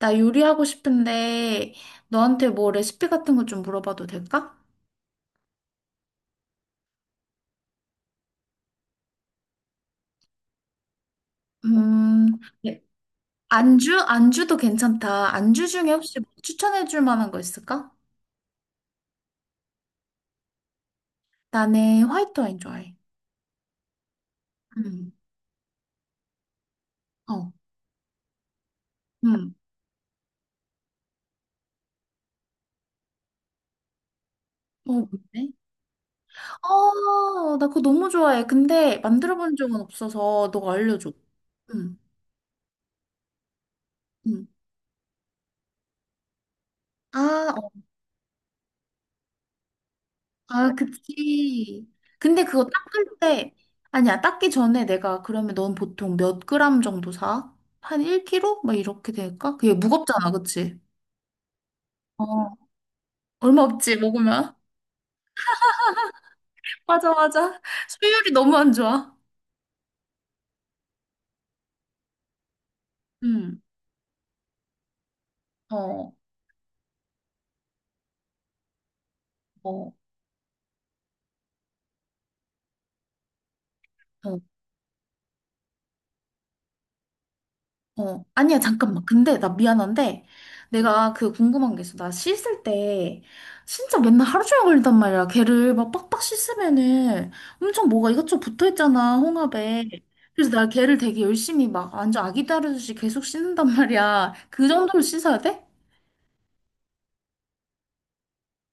나 요리하고 싶은데 너한테 뭐 레시피 같은 거 좀 물어봐도 될까? 네. 안주? 안주도 괜찮다. 안주 중에 혹시 뭐 추천해줄 만한 거 있을까? 나는 화이트 와인 좋아해. 음, 어, 음, 어, 뭔데? 어, 나 그거 너무 좋아해. 근데 만들어 본 적은 없어서 너가 알려줘. 음, 음. 아, 아, 그치. 근데 그거 닦을 때, 아니야, 닦기 전에 내가, 그러면 넌 보통 몇 그램 정도 사? 한 1kg? 막 이렇게 될까? 그게 무겁잖아, 그치? 어, 얼마 없지, 먹으면. 맞아, 맞아. 수율이 너무 안 좋아. 응, 어, 어, 어. 어, 아니야, 잠깐만. 근데 나 미안한데, 응. 내가 그 궁금한 게 있어. 나 씻을 때, 진짜 맨날 하루 종일 걸린단 말이야. 걔를 막 빡빡 씻으면은 엄청 뭐가 이것저것 붙어 있잖아, 홍합에. 그래서 나 걔를 되게 열심히 막 완전 아기 다루듯이 계속 씻는단 말이야. 그 정도로 씻어야 돼?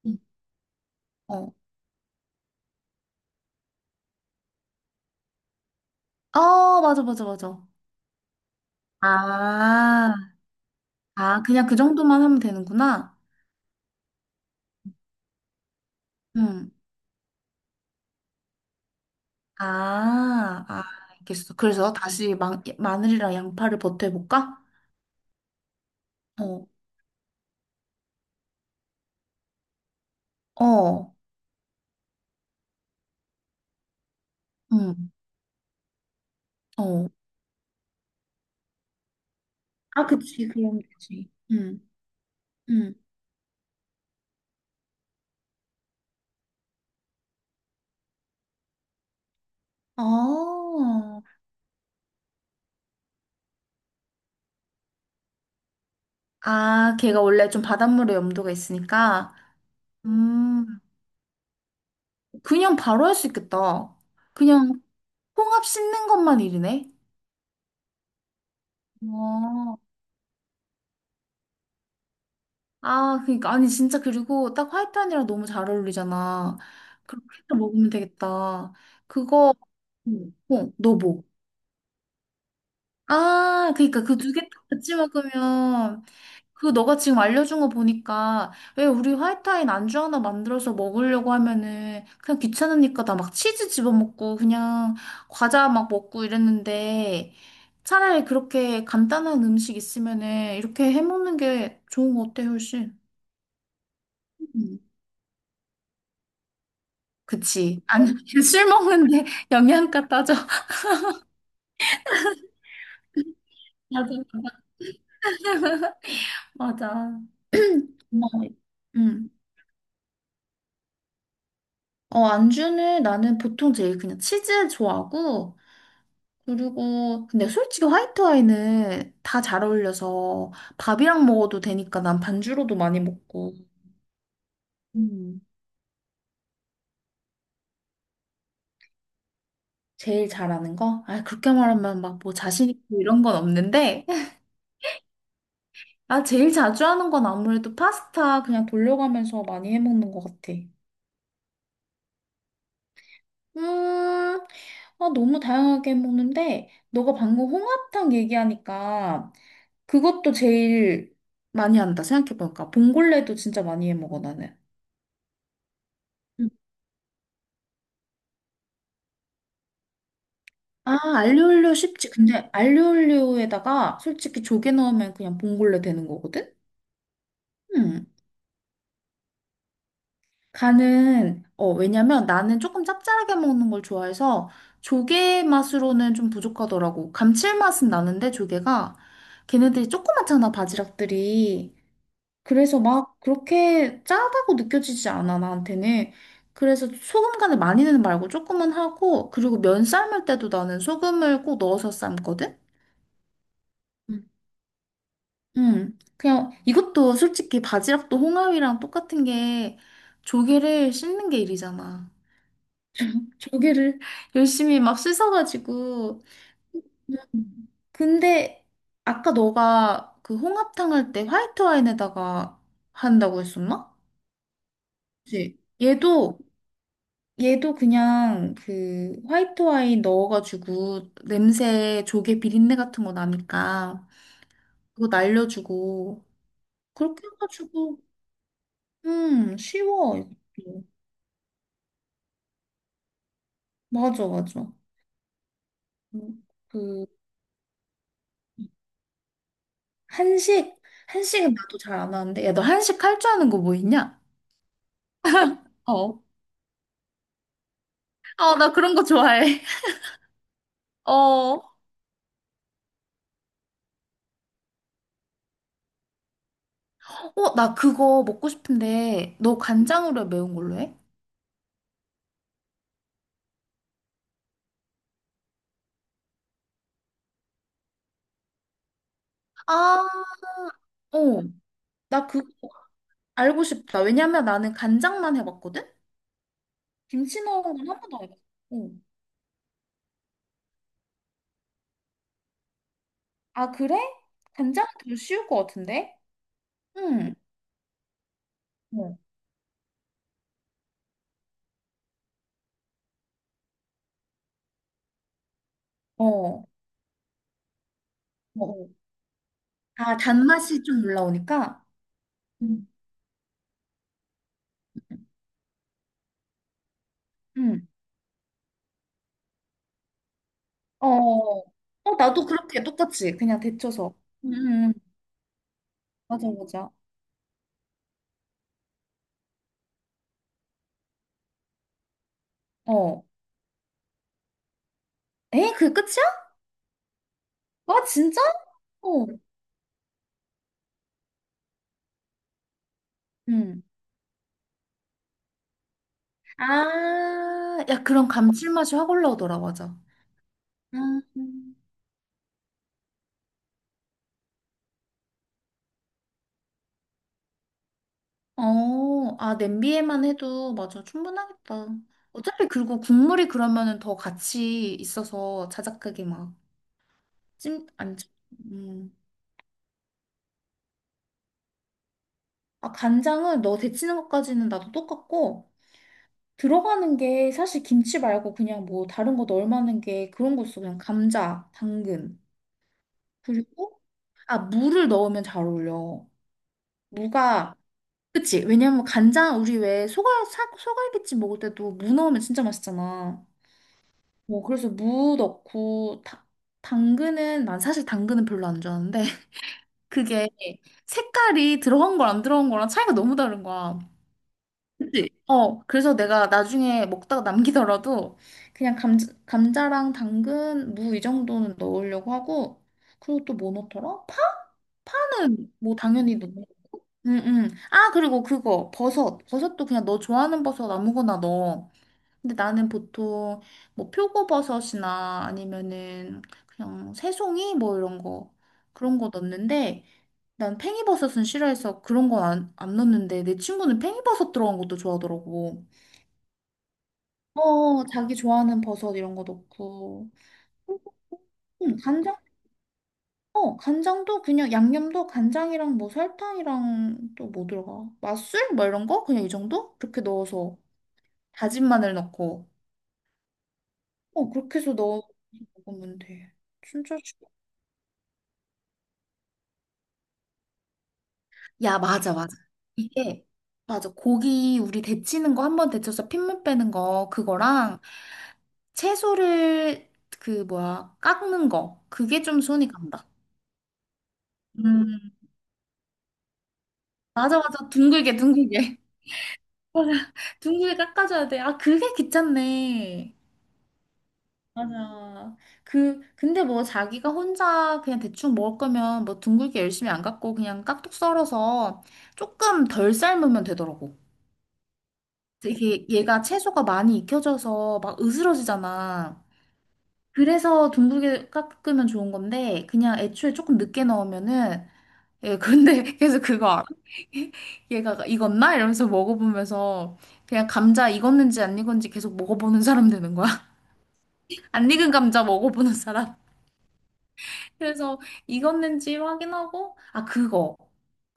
응. 어. 어, 맞아, 맞아, 맞아. 아, 아, 그냥 그 정도만 하면 되는구나. 응 아, 아, 알겠어. 그래서 다시 마늘이랑 양파를 버텨볼까? 어, 어, 응. 어. 아, 그치, 그럼 되지. 응, 응. 어. 아, 걔가 원래 좀 바닷물에 염도가 있으니까, 음, 그냥 바로 할 수 있겠다. 그냥 홍합 씻는 것만 일이네. 어. 아, 그니까, 아니, 진짜, 그리고 딱 화이트 안이랑 너무 잘 어울리잖아. 그렇게 해서 먹으면 되겠다. 그거, 어, 너 뭐? 아, 그니까, 그 두 개 같이 먹으면, 그 너가 지금 알려준 거 보니까 왜 우리 화이트와인 안주 하나 만들어서 먹으려고 하면은 그냥 귀찮으니까 나 막 치즈 집어먹고 그냥 과자 막 먹고 이랬는데 차라리 그렇게 간단한 음식 있으면은 이렇게 해먹는 게 좋은 거 어때 훨씬? 음. 그치. 아니 술 먹는데 영양가 따져. 맞아. 맞아. 고마워. 응. 어, 안주는 나는 보통 제일 그냥 치즈 좋아하고, 그리고 근데 솔직히 화이트 와인은 다 잘 어울려서 밥이랑 먹어도 되니까 난 반주로도 많이 먹고. 음. 제일 잘하는 거? 아, 그렇게 말하면 막 뭐 자신 있고 이런 건 없는데. 아, 제일 자주 하는 건 아무래도 파스타 그냥 돌려가면서 많이 해 먹는 것 같아. 음, 아 너무 다양하게 해 먹는데 너가 방금 홍합탕 얘기하니까 그것도 제일 많이 한다 생각해보니까 봉골레도 진짜 많이 해 먹어 나는. 아, 알리올리오 쉽지. 근데 알리올리오에다가 솔직히 조개 넣으면 그냥 봉골레 되는 거거든? 음. 간은, 어, 왜냐면 나는 조금 짭짤하게 먹는 걸 좋아해서 조개 맛으로는 좀 부족하더라고. 감칠맛은 나는데 조개가 걔네들이 조그맣잖아, 바지락들이. 그래서 막 그렇게 짜다고 느껴지지 않아, 나한테는. 그래서 소금 간을 많이는 말고 조금은 하고, 그리고 면 삶을 때도 나는 소금을 꼭 넣어서 삶거든? 응. 그냥 이것도 솔직히 바지락도 홍합이랑 똑같은 게 조개를 씻는 게 일이잖아. 조개를 열심히 막 씻어가지고. 근데 아까 너가 그 홍합탕 할 때 화이트 와인에다가 한다고 했었나? 그치? 얘도 얘도 그냥 그 화이트 와인 넣어가지고 냄새 조개 비린내 같은 거 나니까 그거 날려주고 그렇게 해가지고 쉬워, 이것도. 맞아, 맞아. 음, 그, 한식, 한식은 나도 잘 안 하는데, 야, 너 한식 할 줄 아는 거 뭐 있냐? 어. 아, 나 그런 거 좋아해. 어, 어, 나 그거 먹고 싶은데, 너 간장으로 해? 매운 걸로 해? 아, 어, 나 그거 알고 싶다. 왜냐면 나는 간장만 해봤거든? 김치 넣은 건 한 번도 안 해봤어. 어. 아, 그래? 간장은 더 쉬울 것 같은데? 응. 어, 어, 어. 아, 단맛이 좀 올라오니까. 음. 음. 어, 어, 나도 그렇게 똑같이 그냥 데쳐서. 음, 음, 음. 맞아, 맞아. 어. 에? 그게 끝이야? 와, 진짜? 어. 음. 아, 야, 그런 감칠맛이 확 올라오더라, 맞아. 음. 어, 아, 냄비에만 해도, 맞아, 충분하겠다. 어차피, 그리고 국물이 그러면은 더 같이 있어서 자작하게 막 찜, 안, 찜- 음. 아, 간장은 너 데치는 것까지는 나도 똑같고, 들어가는 게 사실 김치 말고 그냥 뭐 다른 거 넣을만한 게 그런 거 있어. 그냥 감자, 당근. 그리고, 아, 무를 넣으면 잘 어울려. 무가, 그치? 왜냐면 간장, 우리 왜 소갈비찜 먹을 때도 무 넣으면 진짜 맛있잖아. 뭐, 그래서 무 넣고, 다, 당근은, 난 사실 당근은 별로 안 좋아하는데, 그게 색깔이 들어간 거랑 안 들어간 거랑 차이가 너무 다른 거야. 그치? 어, 그래서 내가 나중에 먹다가 남기더라도 그냥 감자, 감자랑 당근, 무 이 정도는 넣으려고 하고 그리고 또 뭐 넣더라? 파? 파는 뭐 당연히 넣네. 응, 응. 아, 그리고 그거 버섯. 버섯도 그냥 너 좋아하는 버섯 아무거나 넣어. 근데 나는 보통 뭐 표고버섯이나 아니면은 그냥 새송이 뭐 이런 거 그런 거 넣는데 난 팽이버섯은 싫어해서 그런 건 안 넣는데 내 친구는 팽이버섯 들어간 것도 좋아하더라고. 어, 자기 좋아하는 버섯 이런 거 넣고. 응, 간장, 어, 간장도 그냥 양념도 간장이랑 뭐 설탕이랑 또 뭐 들어가? 맛술? 뭐 이런 거? 그냥 이 정도? 그렇게 넣어서 다진 마늘 넣고. 어, 그렇게 해서 넣어서 먹으면 돼. 진짜 쉽- 야, 맞아, 맞아. 이게, 맞아. 고기 우리 데치는 거 한 번 데쳐서 핏물 빼는 거, 그거랑 채소를 그 뭐야, 깎는 거. 그게 좀 손이 간다. 음. 맞아, 맞아. 둥글게, 둥글게. 맞아. 둥글게 깎아줘야 돼. 아, 그게 귀찮네. 맞아. 그, 근데 뭐 자기가 혼자 그냥 대충 먹을 거면 뭐 둥글게 열심히 안 깎고 그냥 깍둑 썰어서 조금 덜 삶으면 되더라고. 이게 얘가 채소가 많이 익혀져서 막 으스러지잖아. 그래서 둥글게 깎으면 좋은 건데 그냥 애초에 조금 늦게 넣으면은 예, 근데 계속 그거 알아? 얘가 익었나? 이러면서 먹어보면서 그냥 감자 익었는지 안 익었는지 계속 먹어보는 사람 되는 거야. 안 익은 감자 먹어보는 사람. 그래서 익었는지 확인하고, 아, 그거.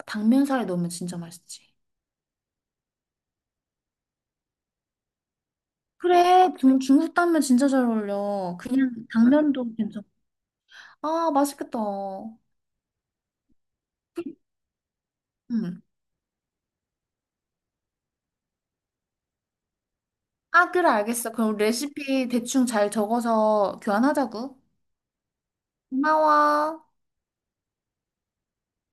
당면살에 넣으면 진짜 맛있지. 그래, 중국 당면 진짜 잘 어울려. 그냥 당면도 괜찮아. 아, 맛있겠다. 음. 아, 그래, 알겠어. 그럼 레시피 대충 잘 적어서 교환하자고. 고마워.